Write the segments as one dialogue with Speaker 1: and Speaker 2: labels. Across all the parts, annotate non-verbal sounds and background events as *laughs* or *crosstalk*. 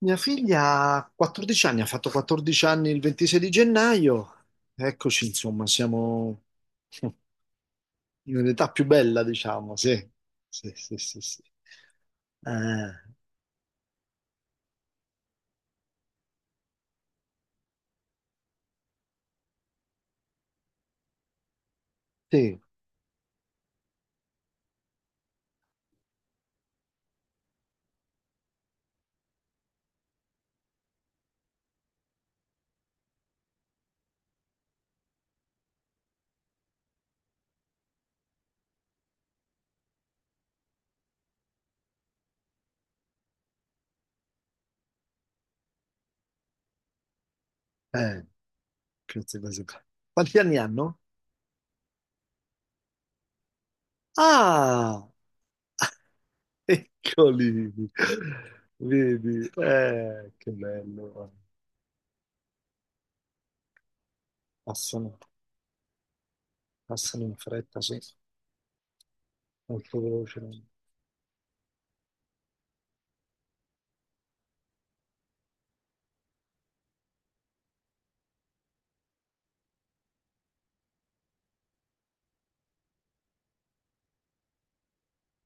Speaker 1: Mia figlia ha 14 anni, ha fatto 14 anni il 26 di gennaio. Eccoci, insomma, siamo in un'età più bella, diciamo, sì. Sì, sì, sì, sì. Eh, sì, eh, grazie, grazie. Quanti anni hanno? Ah, eccoli. Vedi, che bello. Passano, passano in fretta, sì, molto velocemente.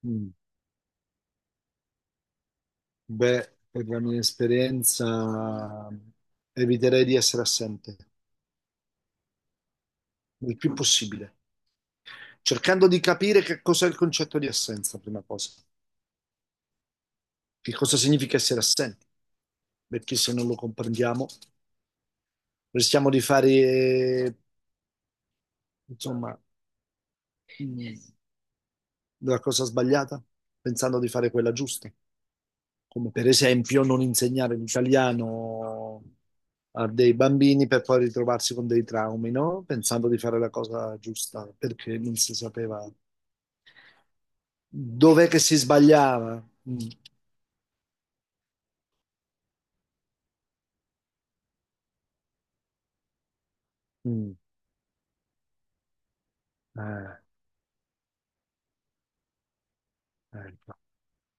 Speaker 1: Mm. Beh, per la mia esperienza eviterei di essere assente, il più possibile, cercando di capire che cos'è il concetto di assenza, prima cosa, che cosa significa essere assenti, perché se non lo comprendiamo rischiamo di fare, insomma, mh, la cosa sbagliata, pensando di fare quella giusta, come per esempio non insegnare l'italiano a dei bambini per poi ritrovarsi con dei traumi, no? Pensando di fare la cosa giusta, perché non si sapeva dov'è che si sbagliava. Mm. Mm. Eh, ecco.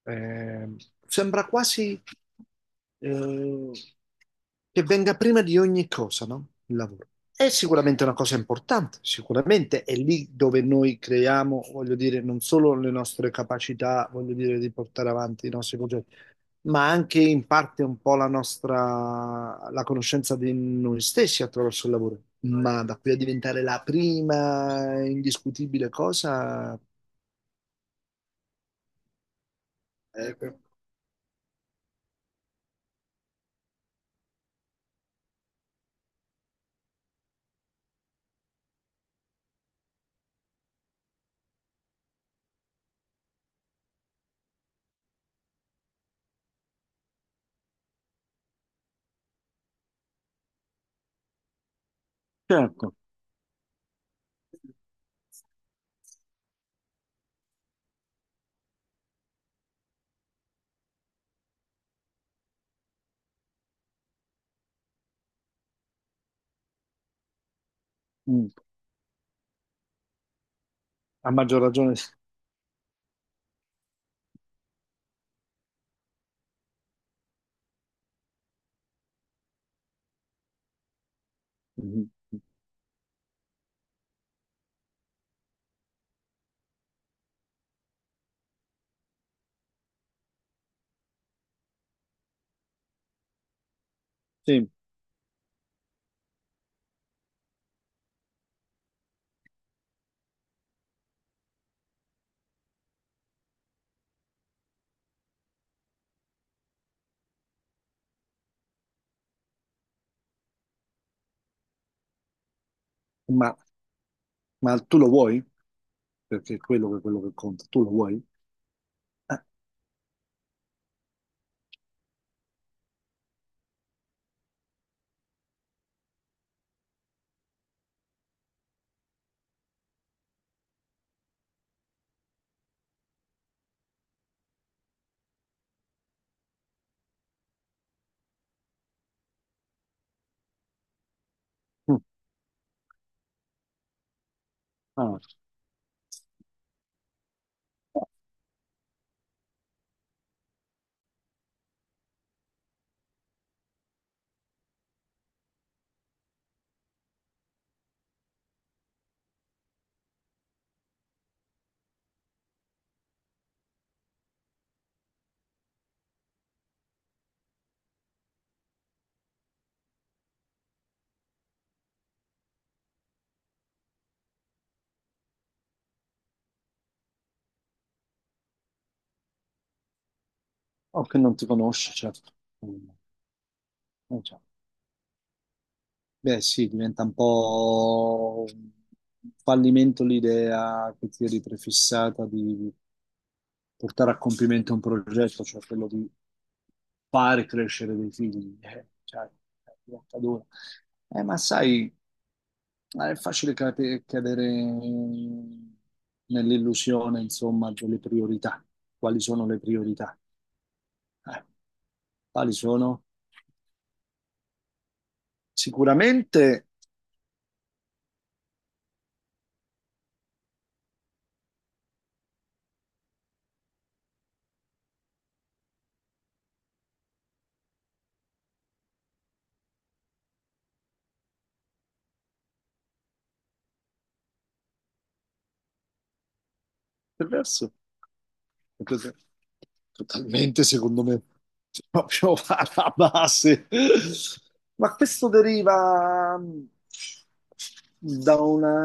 Speaker 1: Eh, sembra quasi eh, che venga prima di ogni cosa, no? Il lavoro. È sicuramente una cosa importante, sicuramente è lì dove noi creiamo, voglio dire, non solo le nostre capacità, voglio dire, di portare avanti i nostri progetti, ma anche in parte un po' la nostra, la conoscenza di noi stessi attraverso il lavoro. Ma da qui a diventare la prima indiscutibile cosa, eh, certo, mm, a maggior ragione. Mhm. Sì, ma, ma tu lo vuoi? Perché è quello che conta, tu lo vuoi? Eh, mm. Ah, o che non ti conosci, certo. Mm. Certo. Beh, sì, diventa un po' un fallimento l'idea che ti eri prefissata di portare a compimento un progetto, cioè quello di fare crescere dei figli. Cioè, è diventa dura. Ma sai, è facile cadere nell'illusione, insomma, delle priorità. Quali sono le priorità? Eh, quali sono? Sicuramente. Del resto, è così, totalmente secondo me, proprio *laughs* alla base. Ma questo deriva da una,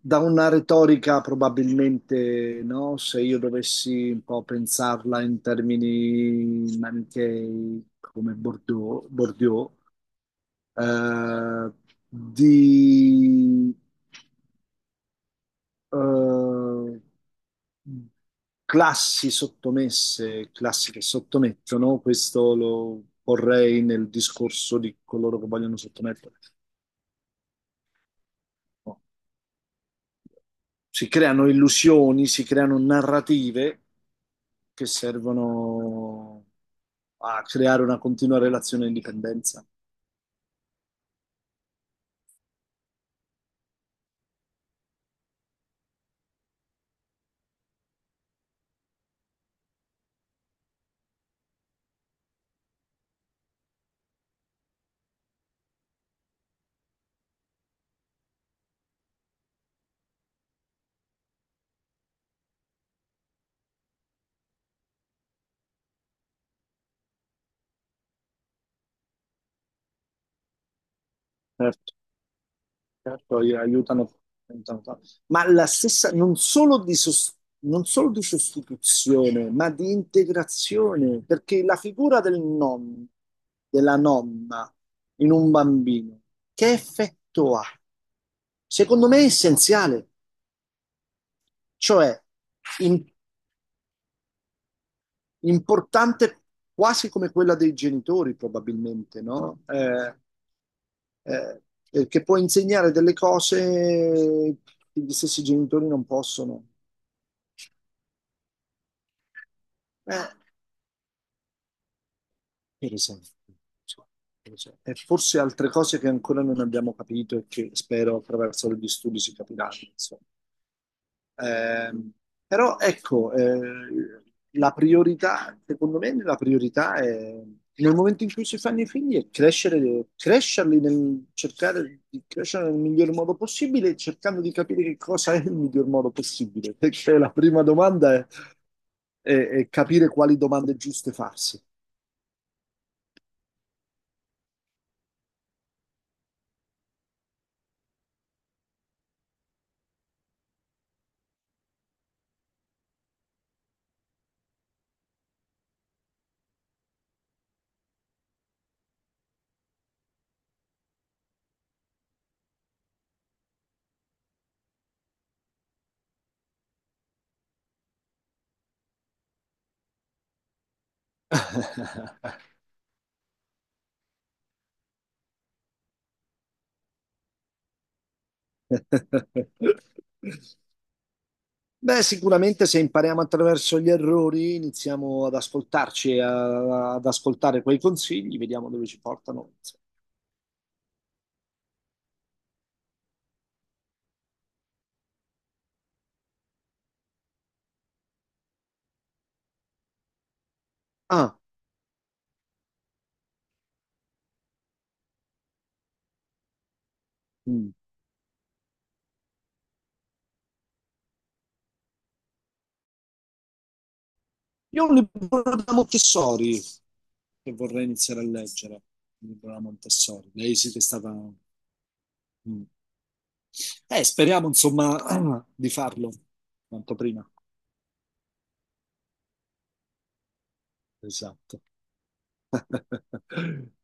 Speaker 1: da una retorica probabilmente, no? Se io dovessi un po' pensarla in termini manichei come Bordeaux, Bordeaux, eh, di eh, classi sottomesse, classi che sottomettono, questo lo porrei nel discorso di coloro che vogliono sottomettere. No. Si creano illusioni, si creano narrative che servono a creare una continua relazione di dipendenza. Certo. Certo, gli aiutano tanto. Ma la stessa, non solo di, non solo di sostituzione, ma di integrazione, perché la figura del nonno, della nonna in un bambino, che effetto ha? Secondo me è essenziale, cioè in- importante quasi come quella dei genitori, probabilmente, no? Eh, perché può insegnare delle cose che gli stessi genitori non possono. Eh, per esempio. Insomma, per esempio. E forse altre cose che ancora non abbiamo capito e che spero attraverso gli studi si capiranno, insomma. Ehm, però ecco, la priorità, secondo me, la priorità è nel momento in cui si fanno i figli è crescere, crescerli nel cercare di crescere nel miglior modo possibile, cercando di capire che cosa è il miglior modo possibile. Perché la prima domanda è, è capire quali domande giuste farsi. *laughs* *laughs* Beh, sicuramente se impariamo attraverso gli errori, iniziamo ad ascoltarci, ad ascoltare quei consigli, vediamo dove ci portano. Ah, mm. Io ho un libro da Montessori che vorrei iniziare a leggere, un libro da Montessori. Lei sì che è stata... Mm. Speriamo insomma *clears throat* di farlo quanto prima. Esatto. *laughs*